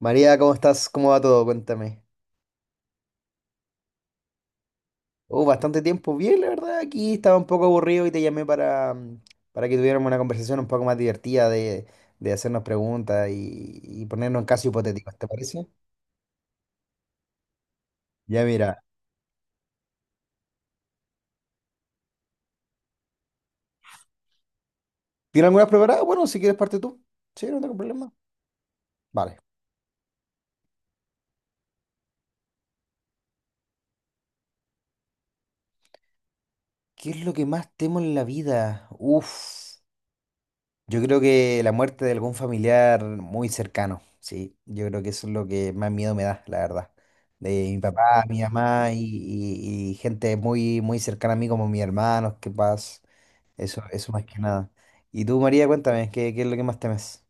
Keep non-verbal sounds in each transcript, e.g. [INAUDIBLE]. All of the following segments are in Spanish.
María, ¿cómo estás? ¿Cómo va todo? Cuéntame. Oh, bastante tiempo. Bien, la verdad, aquí estaba un poco aburrido y te llamé para, para que tuviéramos una conversación un poco más divertida de hacernos preguntas y ponernos en casos hipotéticos, ¿te parece? Ya mira. ¿Tienes algunas preparadas? Bueno, si quieres parte tú. Sí, no tengo problema. Vale. ¿Qué es lo que más temo en la vida? Uf. Yo creo que la muerte de algún familiar muy cercano, sí. Yo creo que eso es lo que más miedo me da, la verdad. De mi papá, mi mamá y, y gente muy, muy cercana a mí como mis hermanos, que paz. Eso más que nada. Y tú, María, cuéntame, ¿qué es lo que más temes?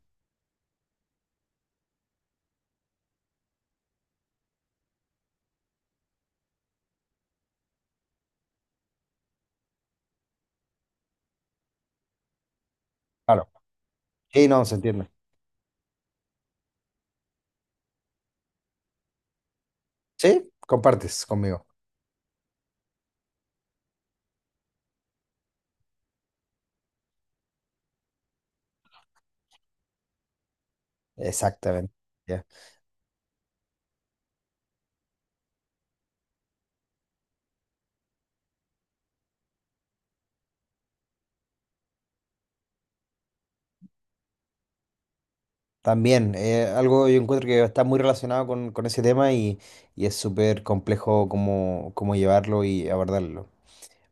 Claro. Sí, no, se entiende. Sí, compartes conmigo. Exactamente. Ya. También, algo yo encuentro que está muy relacionado con ese tema y es súper complejo cómo, cómo llevarlo y abordarlo.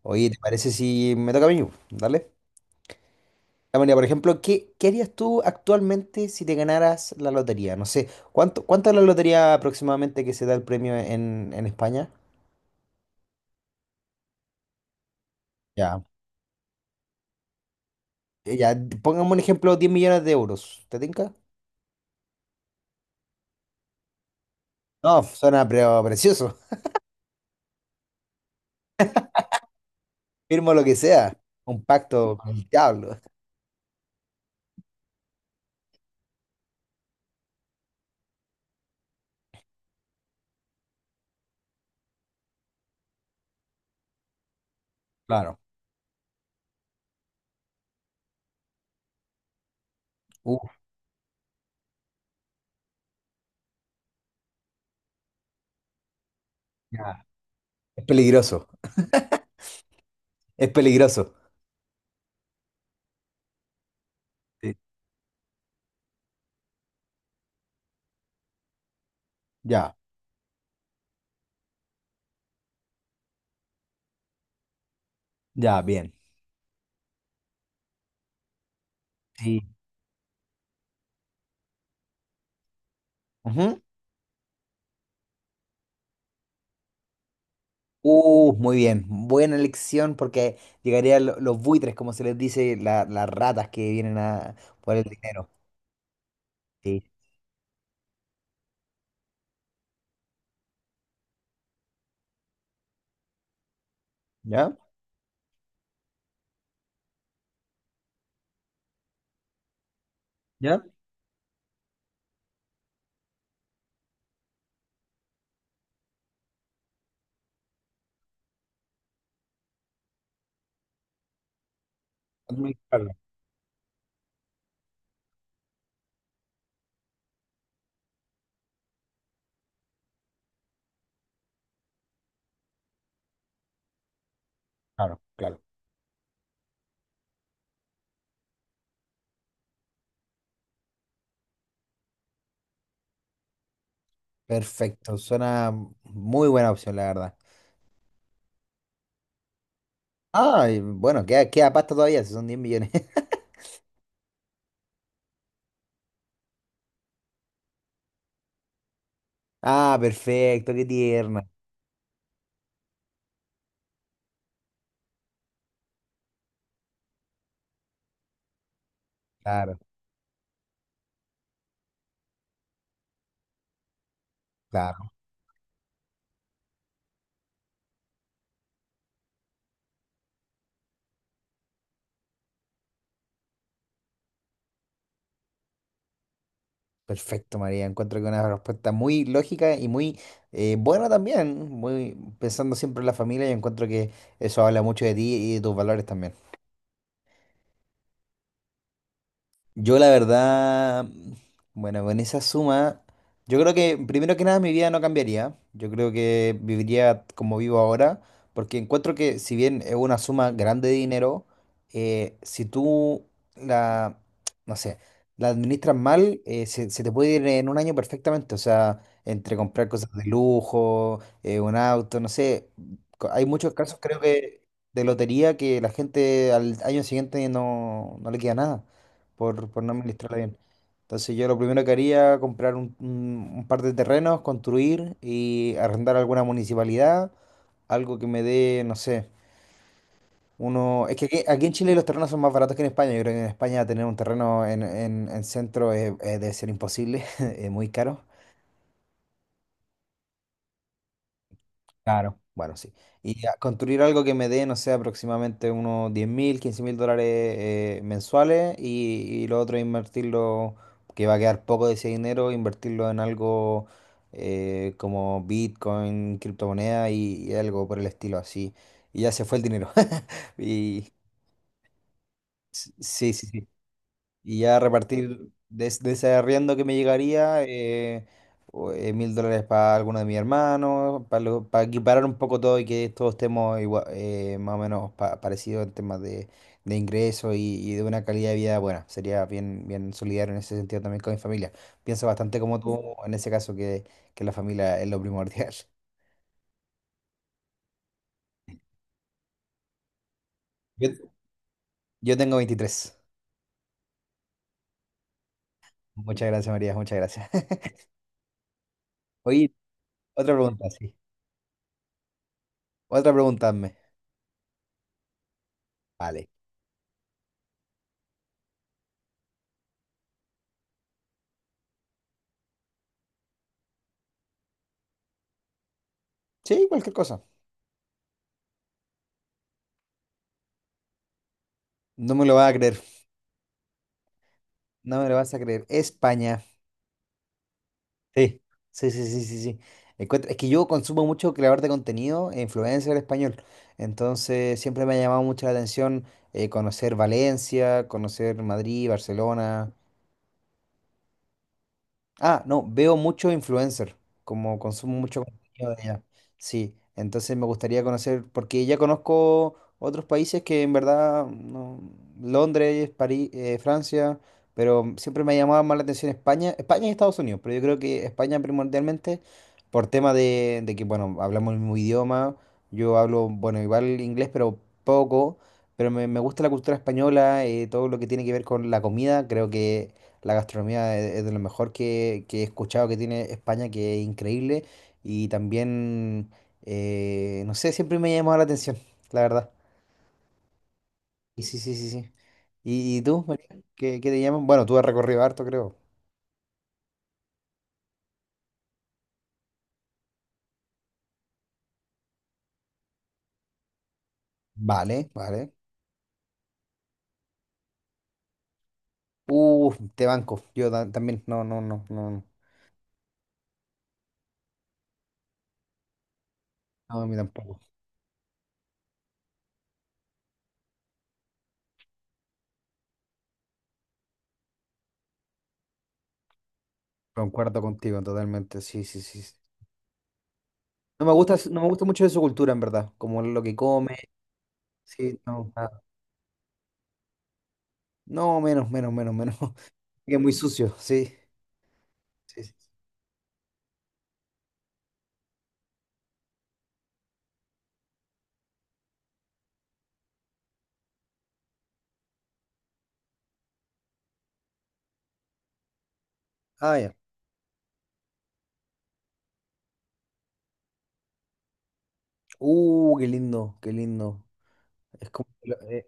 Oye, ¿te parece si me toca a mí? Dale. Ya, mira, por ejemplo, ¿qué harías tú actualmente si te ganaras la lotería? No sé, ¿cuánto es la lotería aproximadamente que se da el premio en España? Ya. Eh, Ya, pongamos un ejemplo, 10 millones de euros. ¿Te tinca? No, suena pero precioso. [LAUGHS] Firmo lo que sea. Un pacto con el diablo. Claro. Uf, ya. Es peligroso. Es peligroso. Sí. Ya, ya, bien. Sí. Ujú. Muy bien, buena elección porque llegarían los buitres, como se les dice, las ratas que vienen a por el dinero. Sí. ¿Ya? ¿Ya? Administrarlo. Claro, claro. Perfecto, suena muy buena opción, la verdad. Ah, y bueno, queda, queda pasta todavía, si son 10 millones. [LAUGHS] Ah, perfecto, qué tierna. Claro, claro. Perfecto, María. Encuentro que una respuesta muy lógica y muy buena también, muy pensando siempre en la familia, y encuentro que eso habla mucho de ti y de tus valores también. Yo la verdad, bueno, con esa suma, yo creo que primero que nada mi vida no cambiaría. Yo creo que viviría como vivo ahora, porque encuentro que si bien es una suma grande de dinero, si tú la, no sé, la administras mal, se, se te puede ir en un año perfectamente. O sea, entre comprar cosas de lujo, un auto, no sé, co- hay muchos casos creo que de lotería que la gente al año siguiente no, no le queda nada por, por no administrarla bien. Entonces yo lo primero que haría, comprar un, un par de terrenos, construir y arrendar a alguna municipalidad, algo que me dé, no sé, uno... Es que aquí, aquí en Chile los terrenos son más baratos que en España. Yo creo que en España tener un terreno en, en centro debe ser imposible, [LAUGHS] es muy caro. Claro, bueno, sí. Y a construir algo que me dé, no sé, aproximadamente unos 10.000, 15.000 dólares mensuales y lo otro invertirlo, que va a quedar poco de ese dinero, invertirlo en algo como Bitcoin, criptomoneda y algo por el estilo así. Y ya se fue el dinero. [LAUGHS] Y sí, sí, sí. Y ya repartir de, de ese arriendo que me llegaría, 1.000 dólares para alguno de mis hermanos, para equiparar un poco todo y que todos estemos más o menos parecidos en temas de ingresos y de una calidad de vida buena. Sería bien, bien solidario en ese sentido también con mi familia. Pienso bastante como tú en ese caso, que la familia es lo primordial. [LAUGHS] Yo, yo tengo 23. Muchas gracias, María, muchas gracias. [LAUGHS] Oye, otra pregunta, sí. Otra pregunta, hazme. Vale. Sí, cualquier cosa. No me lo vas a creer, no me lo vas a creer. España. Sí, sí, sí, sí, sí, sí. Encuentra- es que yo consumo mucho creador de contenido e influencer español. Entonces siempre me ha llamado mucho la atención conocer Valencia, conocer Madrid, Barcelona. Ah, no, veo mucho influencer, como consumo mucho contenido de allá. Sí, entonces me gustaría conocer, porque ya conozco otros países que en verdad, no, Londres, París, Francia, pero siempre me ha llamado más la atención España, España y Estados Unidos, pero yo creo que España primordialmente por tema de que, bueno, hablamos el mismo idioma, yo hablo, bueno, igual inglés, pero poco, pero me gusta la cultura española, todo lo que tiene que ver con la comida, creo que... La gastronomía es de lo mejor que he escuchado que tiene España, que es increíble. Y también, no sé, siempre me ha llamado la atención, la verdad. Y sí, sí, sí, sí. Y tú, María? ¿Qué, qué te llaman? Bueno, tú has recorrido harto, creo. Vale, vale. Te banco. Yo ta- también, no, no, no, no. No, no, a mí tampoco. Concuerdo contigo totalmente, sí, sí, sí, sí. No me gusta, no me gusta mucho de su cultura, en verdad. Como lo que come, sí, no, nada. No, menos, menos, menos, menos. [LAUGHS] Que es muy sucio, sí. Sí, sí, sí. Ah, ya. Qué lindo, qué lindo. Es como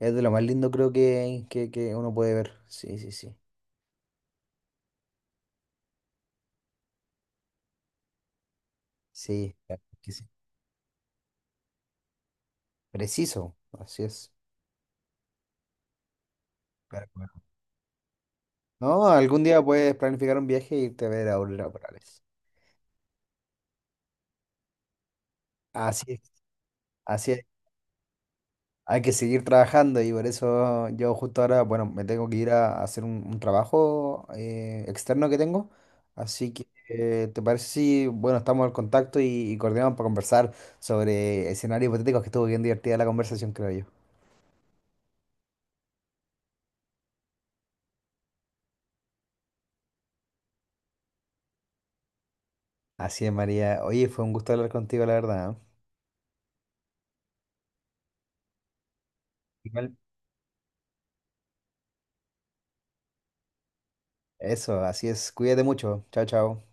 es de lo más lindo creo que uno puede ver. Sí, sí, sí. Sí, claro que sí. Preciso, así es. Pero bueno. No, algún día puedes planificar un viaje y irte a ver auroras boreales. Así es, así es. Hay que seguir trabajando y por eso yo justo ahora, bueno, me tengo que ir a hacer un trabajo externo que tengo. Así que, ¿te parece si, bueno, estamos al contacto y coordinamos para conversar sobre escenarios hipotéticos que estuvo bien divertida la conversación, creo yo. Así es, María. Oye, fue un gusto hablar contigo, la verdad. ¿Eh? Igual. Eso, así es. Cuídate mucho. Chao, chao.